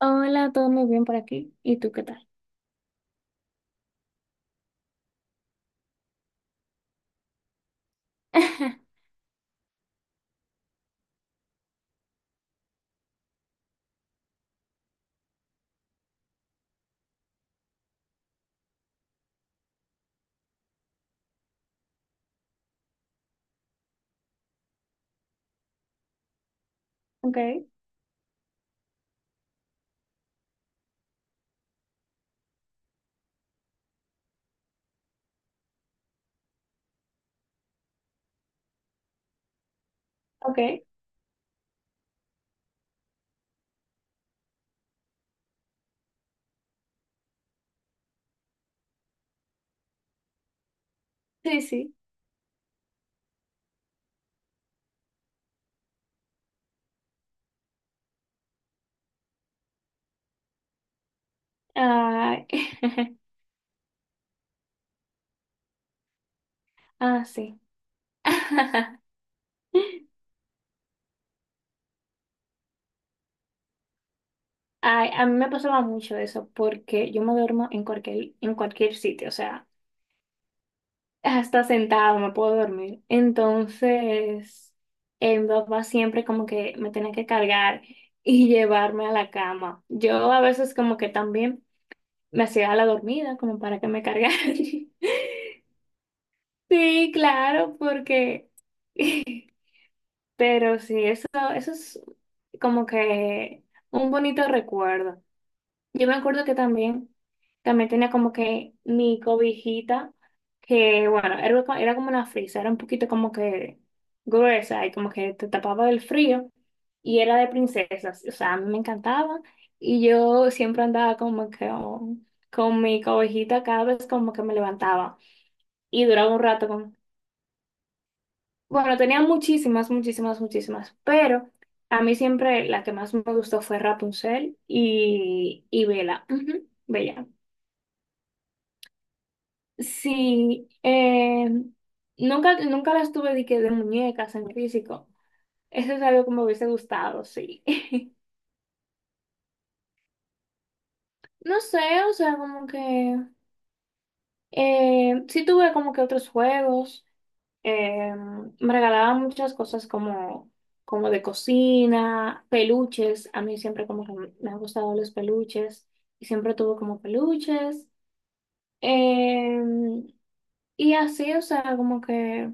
Hola, todo muy bien por aquí. ¿Y tú qué tal? Ok, ok. Sí, sí. Ay, ah, sí. Ay, a mí me pasaba mucho eso porque yo me duermo en cualquier sitio, o sea, hasta sentado me puedo dormir. Entonces, mi papá siempre como que me tenía que cargar y llevarme a la cama. Yo a veces como que también me hacía la dormida como para que me cargara. Sí, claro, porque... Pero sí, eso es como que un bonito recuerdo. Yo me acuerdo que también tenía como que mi cobijita, que bueno, era, era como una frisa, era un poquito como que gruesa y como que te tapaba del frío y era de princesas. O sea, a mí me encantaba y yo siempre andaba como que oh, con mi cobijita cada vez como que me levantaba y duraba un rato. Bueno, tenía muchísimas, muchísimas, muchísimas, pero a mí siempre la que más me gustó fue Rapunzel y Bella. Ujú, Bella. Sí, nunca las tuve de, que de muñecas en físico. Eso es algo que me hubiese gustado, sí. No sé, o sea, como que... sí tuve como que otros juegos. Eh, me regalaban muchas cosas como de cocina, peluches. A mí siempre como que me han gustado los peluches y siempre tuve como peluches. Eh, y así, o sea, como que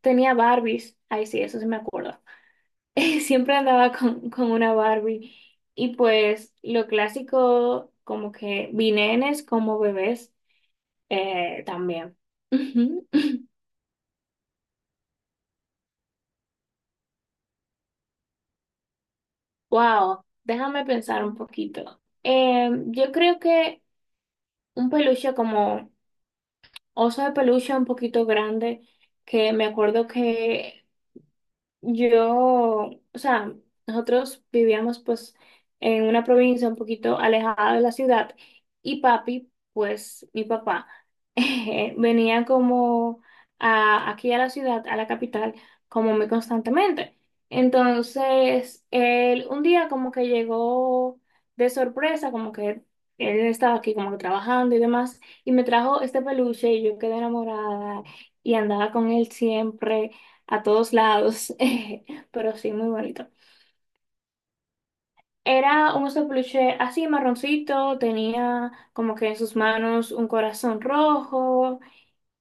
tenía Barbies. Ay, sí, eso sí me acuerdo. Siempre andaba con una Barbie. Y pues lo clásico, como que vinenes como bebés también. Wow, déjame pensar un poquito. Yo creo que un peluche como oso de peluche un poquito grande, que me acuerdo que yo, o sea, nosotros vivíamos pues en una provincia un poquito alejada de la ciudad y papi, pues mi papá, venía como aquí a la ciudad, a la capital, como muy constantemente. Entonces, él un día como que llegó de sorpresa, como que él estaba aquí como que trabajando y demás, y me trajo este peluche y yo quedé enamorada y andaba con él siempre a todos lados, pero sí, muy bonito. Era un oso peluche así marroncito, tenía como que en sus manos un corazón rojo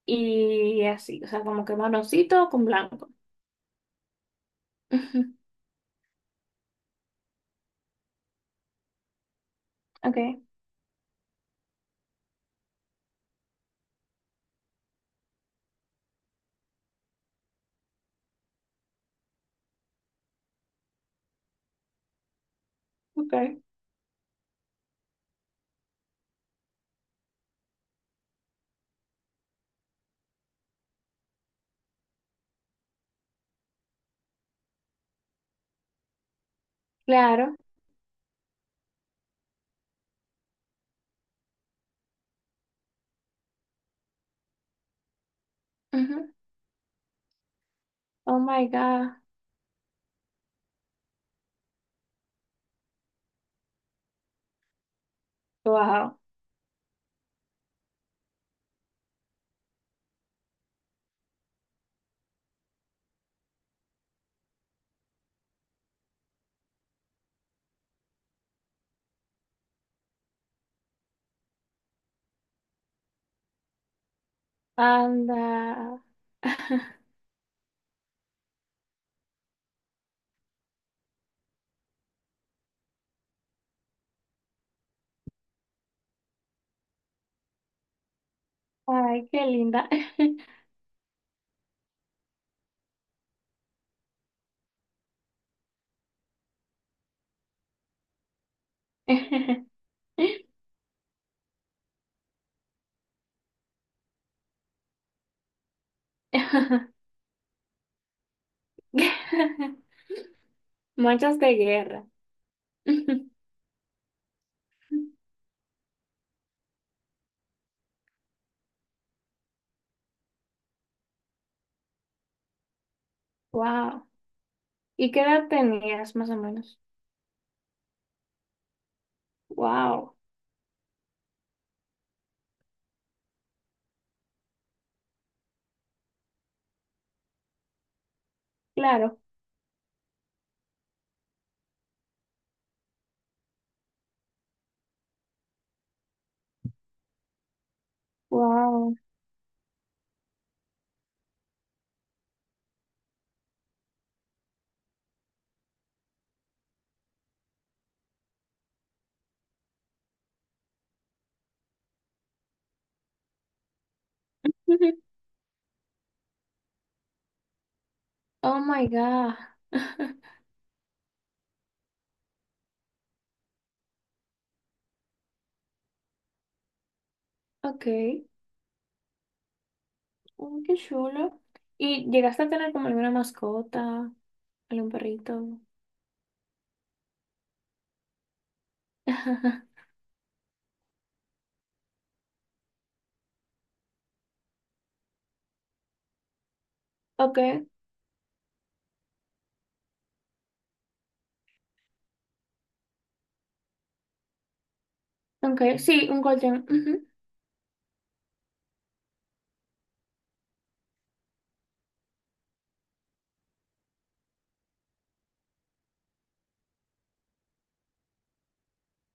y así, o sea, como que marroncito con blanco. Ujú, okay, okay. Claro. Ujú. Oh my God. Wow. Anda. Ay, qué linda. Manchas de guerra. Wow. ¿Y qué edad tenías más o menos? Wow, claro, wow. Oh my God. Ok, mm, qué chulo. ¿Y llegaste a tener como alguna mascota, algún perrito? Ok, ok, sí, un golden. Ujú.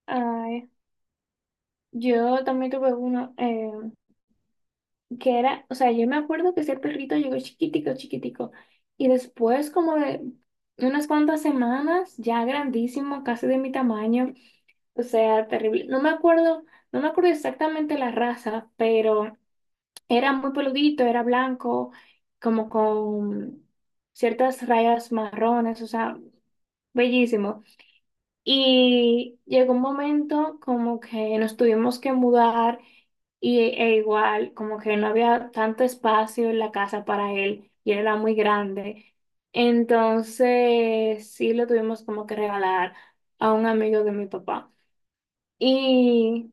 Ay, yo también tuve uno. Que era, o sea, yo me acuerdo que ese perrito llegó chiquitico, chiquitico, y después como de unas cuantas semanas, ya grandísimo, casi de mi tamaño, o sea, terrible. No me acuerdo exactamente la raza, pero era muy peludito, era blanco, como con ciertas rayas marrones, o sea, bellísimo. Y llegó un momento como que nos tuvimos que mudar y, e igual como que no había tanto espacio en la casa para él y él era muy grande. Entonces sí lo tuvimos como que regalar a un amigo de mi papá. Y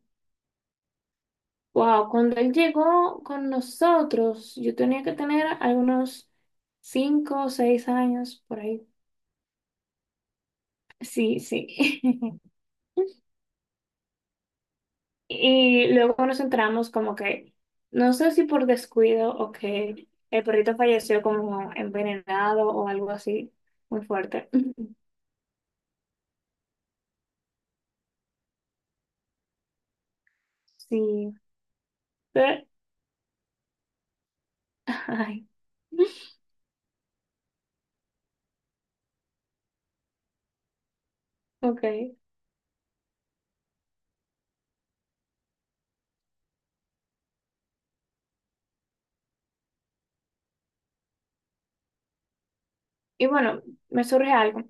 wow, cuando él llegó con nosotros, yo tenía que tener algunos cinco o seis años por ahí. Sí, sí. Y luego nos entramos como que, no sé si por descuido o que el perrito falleció como envenenado o algo así, muy fuerte. Sí, pero, ay, ok. Y bueno, me surge algo.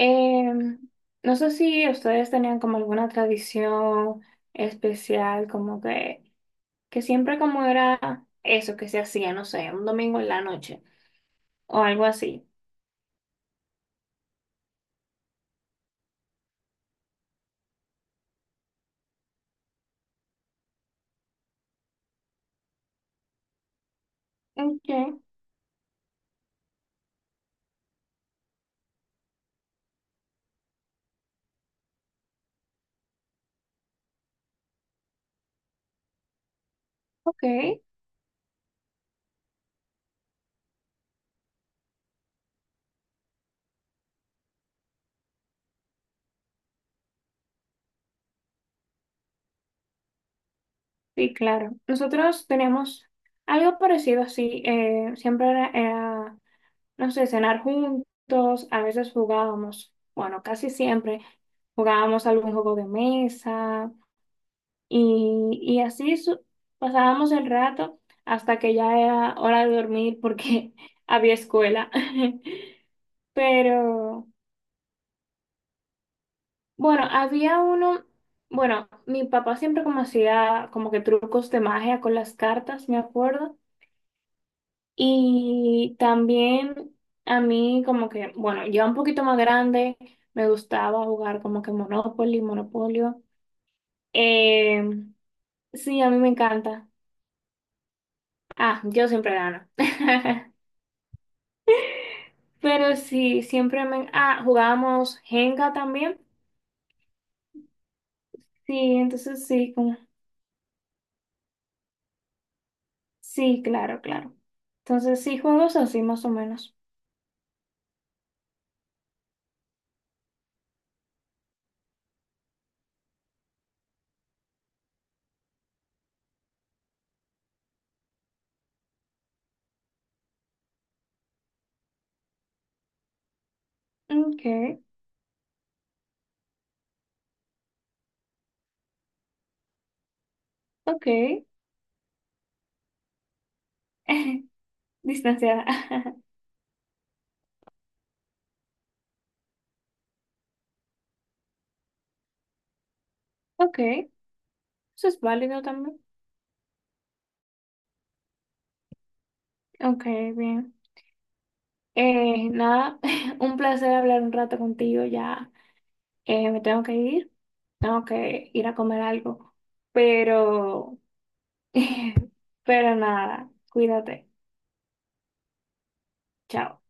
Em, no sé si ustedes tenían como alguna tradición especial, como que siempre como era eso que se hacía, no sé, un domingo en la noche o algo así. Ok, ok. Sí, claro. Nosotros teníamos algo parecido así. No sé, cenar juntos. A veces jugábamos, bueno, casi siempre jugábamos algún juego de mesa y así pasábamos el rato hasta que ya era hora de dormir porque había escuela. Pero bueno, había uno, bueno, mi papá siempre como hacía como que trucos de magia con las cartas, me acuerdo. Y también a mí como que, bueno, yo un poquito más grande me gustaba jugar como que Monopoly, Monopolio. Eh, sí, a mí me encanta. Ah, yo siempre gano. Pero sí, siempre me... Ah, jugábamos Jenga también. Sí, entonces sí, como... Sí, claro, claro. Entonces sí, juegos así más o menos. Ok, ok. Distanciada. Ok, eso es válido también. Ok, bien. Nada, un placer hablar un rato contigo. Ya me tengo que ir a comer algo, pero, pero nada, cuídate. Chao.